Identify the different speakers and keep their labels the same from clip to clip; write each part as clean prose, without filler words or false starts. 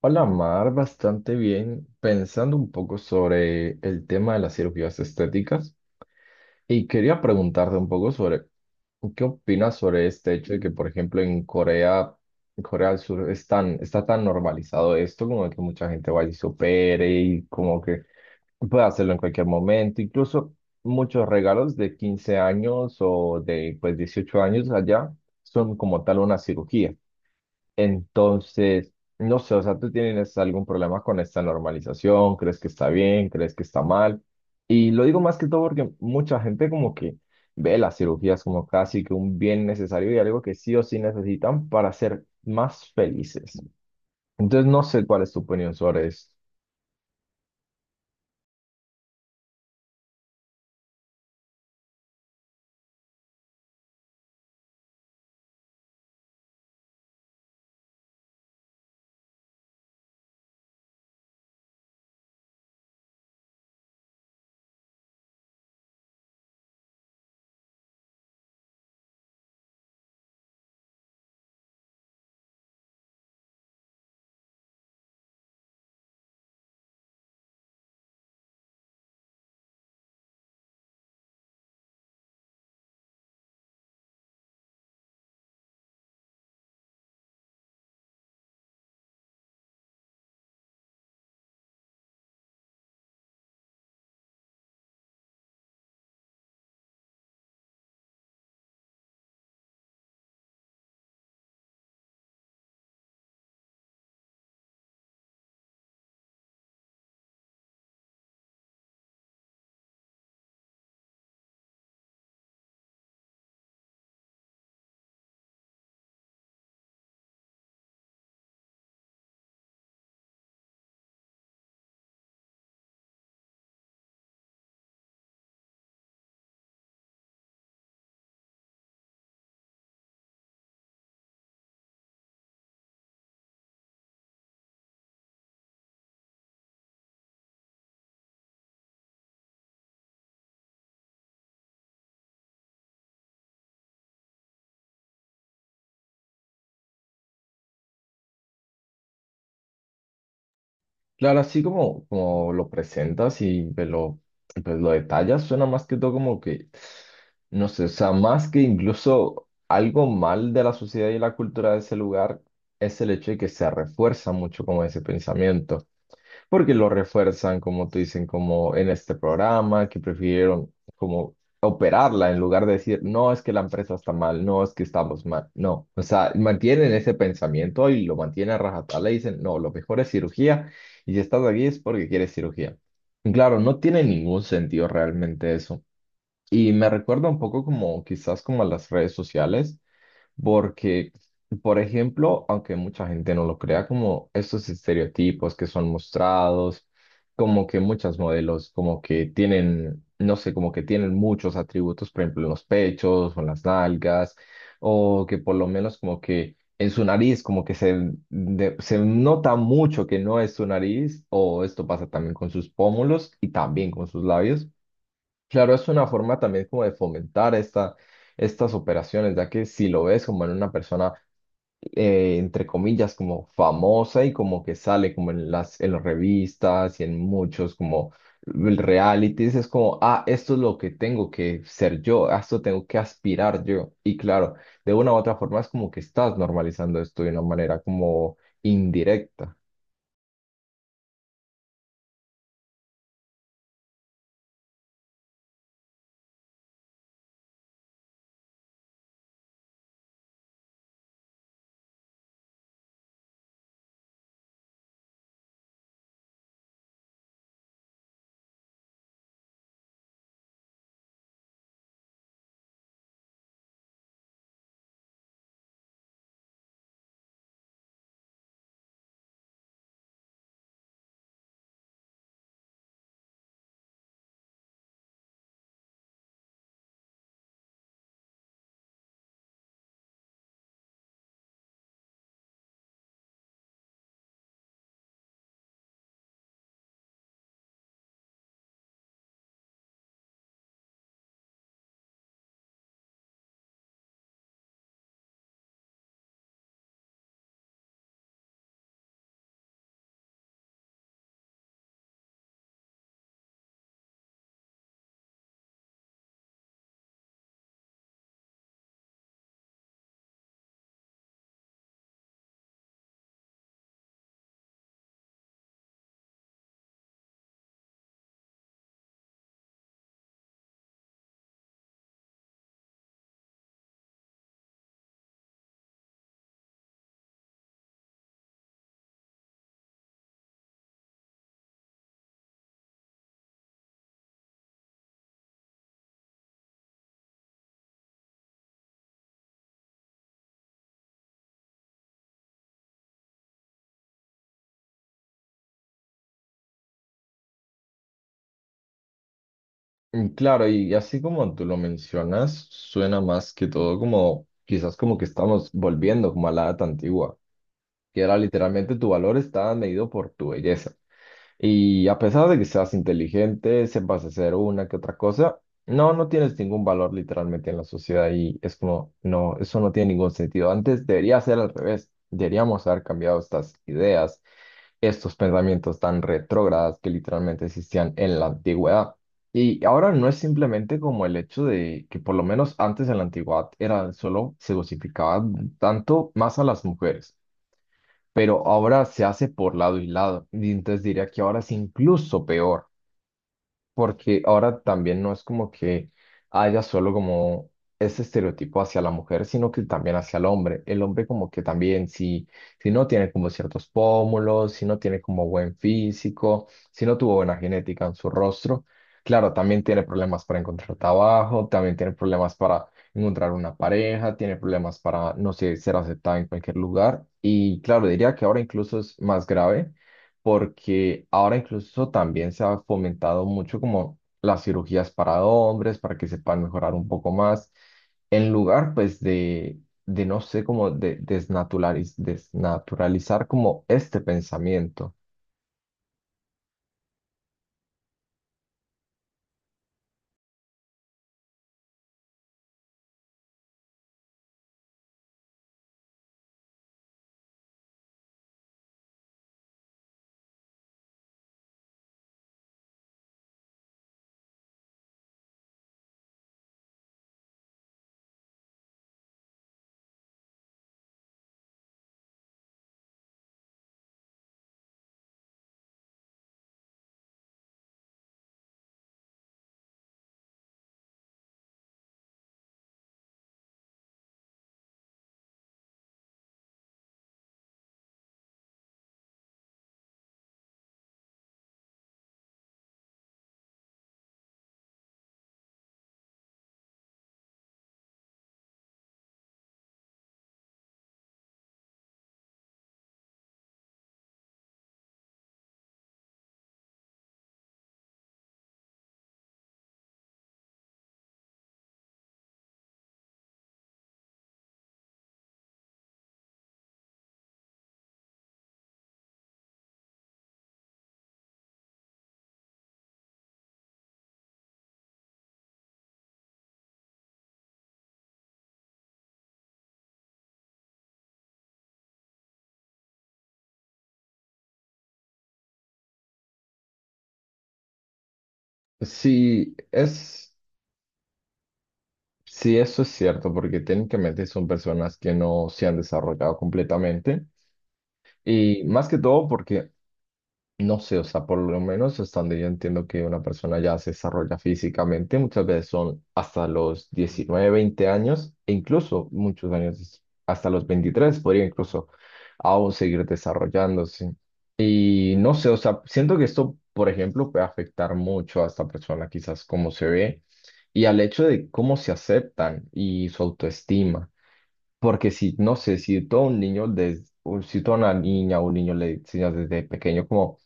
Speaker 1: Hola Mar, bastante bien, pensando un poco sobre el tema de las cirugías estéticas y quería preguntarte un poco sobre qué opinas sobre este hecho de que, por ejemplo, en Corea del Sur está tan normalizado esto, como que mucha gente va y se opere y como que puede hacerlo en cualquier momento, incluso muchos regalos de 15 años o de pues 18 años allá son como tal una cirugía. Entonces, no sé, o sea, ¿tú tienes algún problema con esta normalización? ¿Crees que está bien? ¿Crees que está mal? Y lo digo más que todo porque mucha gente como que ve las cirugías como casi que un bien necesario y algo que sí o sí necesitan para ser más felices. Entonces, no sé cuál es tu opinión sobre esto. Claro, así como lo presentas y pues lo detallas, suena más que todo como que, no sé, o sea, más que incluso algo mal de la sociedad y la cultura de ese lugar es el hecho de que se refuerza mucho como ese pensamiento porque lo refuerzan, como te dicen, como en este programa, que prefirieron como operarla en lugar de decir, no, es que la empresa está mal, no, es que estamos mal, no. O sea, mantienen ese pensamiento y lo mantienen a rajatabla y dicen, no, lo mejor es cirugía y si estás aquí es porque quieres cirugía. Y claro, no tiene ningún sentido realmente eso. Y me recuerda un poco como quizás como a las redes sociales. Porque, por ejemplo, aunque mucha gente no lo crea, como estos estereotipos que son mostrados, como que muchas modelos como que tienen, no sé, como que tienen muchos atributos, por ejemplo, en los pechos o en las nalgas, o que por lo menos como que en su nariz como que se nota mucho que no es su nariz, o esto pasa también con sus pómulos y también con sus labios. Claro, es una forma también como de fomentar estas operaciones, ya que si lo ves como en una persona, entre comillas, como famosa y como que sale como en las revistas y en muchos como realities, es como, ah, esto es lo que tengo que ser yo, a esto tengo que aspirar yo. Y claro, de una u otra forma es como que estás normalizando esto de una manera como indirecta. Claro, y así como tú lo mencionas, suena más que todo como quizás como que estamos volviendo como a la edad antigua, que era literalmente tu valor estaba medido por tu belleza. Y a pesar de que seas inteligente, sepas hacer una que otra cosa, no, no tienes ningún valor literalmente en la sociedad y es como, no, eso no tiene ningún sentido. Antes debería ser al revés. Deberíamos haber cambiado estas ideas, estos pensamientos tan retrógradas que literalmente existían en la antigüedad. Y ahora no es simplemente como el hecho de que por lo menos antes en la antigüedad era solo se cosificaba tanto más a las mujeres pero ahora se hace por lado y lado. Y entonces diría que ahora es incluso peor porque ahora también no es como que haya solo como ese estereotipo hacia la mujer, sino que también hacia el hombre. El hombre como que también si no tiene como ciertos pómulos, si no tiene como buen físico, si no tuvo buena genética en su rostro, claro, también tiene problemas para encontrar trabajo, también tiene problemas para encontrar una pareja, tiene problemas para, no sé, ser aceptada en cualquier lugar. Y claro, diría que ahora incluso es más grave porque ahora incluso también se ha fomentado mucho como las cirugías para hombres, para que se puedan mejorar un poco más, en lugar pues de no sé, como de desnaturalizar como este pensamiento. Sí, es, sí, eso es cierto, porque técnicamente son personas que no se han desarrollado completamente. Y más que todo porque no sé, o sea, por lo menos hasta donde yo entiendo que una persona ya se desarrolla físicamente, muchas veces son hasta los 19 20 años, e incluso muchos años, hasta los 23 podría incluso aún seguir desarrollándose. Y no sé, o sea, siento que esto, por ejemplo, puede afectar mucho a esta persona, quizás cómo se ve y al hecho de cómo se aceptan y su autoestima. Porque si, no sé, si todo un niño, o si toda una niña o un niño le enseñas desde pequeño como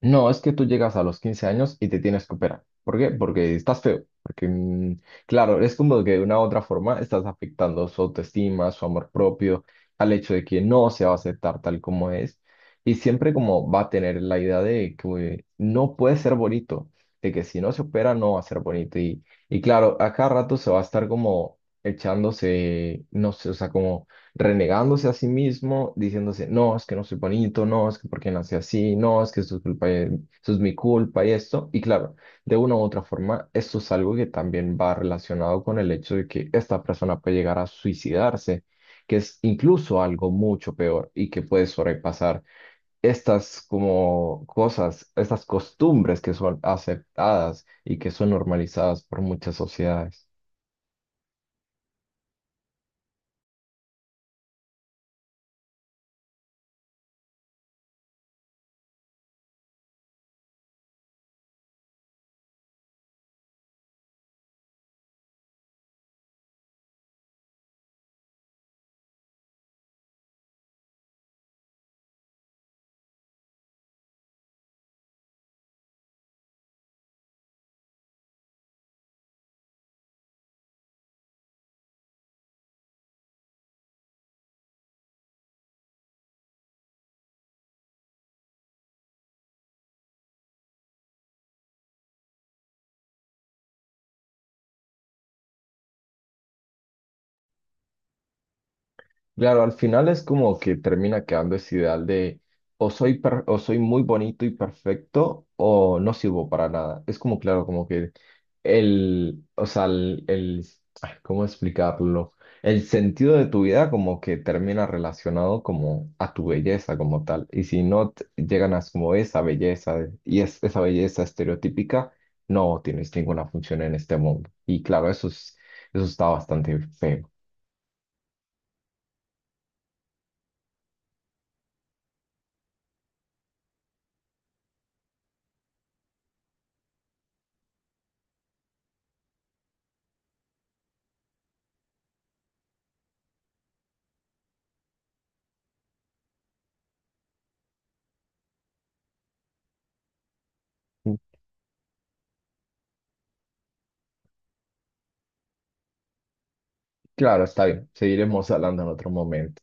Speaker 1: no, es que tú llegas a los 15 años y te tienes que operar. ¿Por qué? Porque estás feo. Porque, claro, es como que de una u otra forma estás afectando su autoestima, su amor propio, al hecho de que no se va a aceptar tal como es. Y siempre como va a tener la idea de que no puede ser bonito, de que si no se opera no va a ser bonito. Y claro, a cada rato se va a estar como echándose, no sé, o sea, como renegándose a sí mismo, diciéndose, no, es que no soy bonito, no, es que porque nací así, no, es que esto es mi culpa y esto. Y claro, de una u otra forma, esto es algo que también va relacionado con el hecho de que esta persona puede llegar a suicidarse, que es incluso algo mucho peor y que puede sobrepasar estas como cosas, estas costumbres que son aceptadas y que son normalizadas por muchas sociedades. Claro, al final es como que termina quedando ese ideal de o soy muy bonito y perfecto o no sirvo para nada. Es como, claro, como que el, o sea, ay, ¿cómo explicarlo? El sentido de tu vida como que termina relacionado como a tu belleza como tal. Y si no llegan a como esa belleza esa belleza estereotípica, no tienes ninguna función en este mundo. Y claro, eso está bastante feo. Claro, está bien. Seguiremos hablando en otro momento.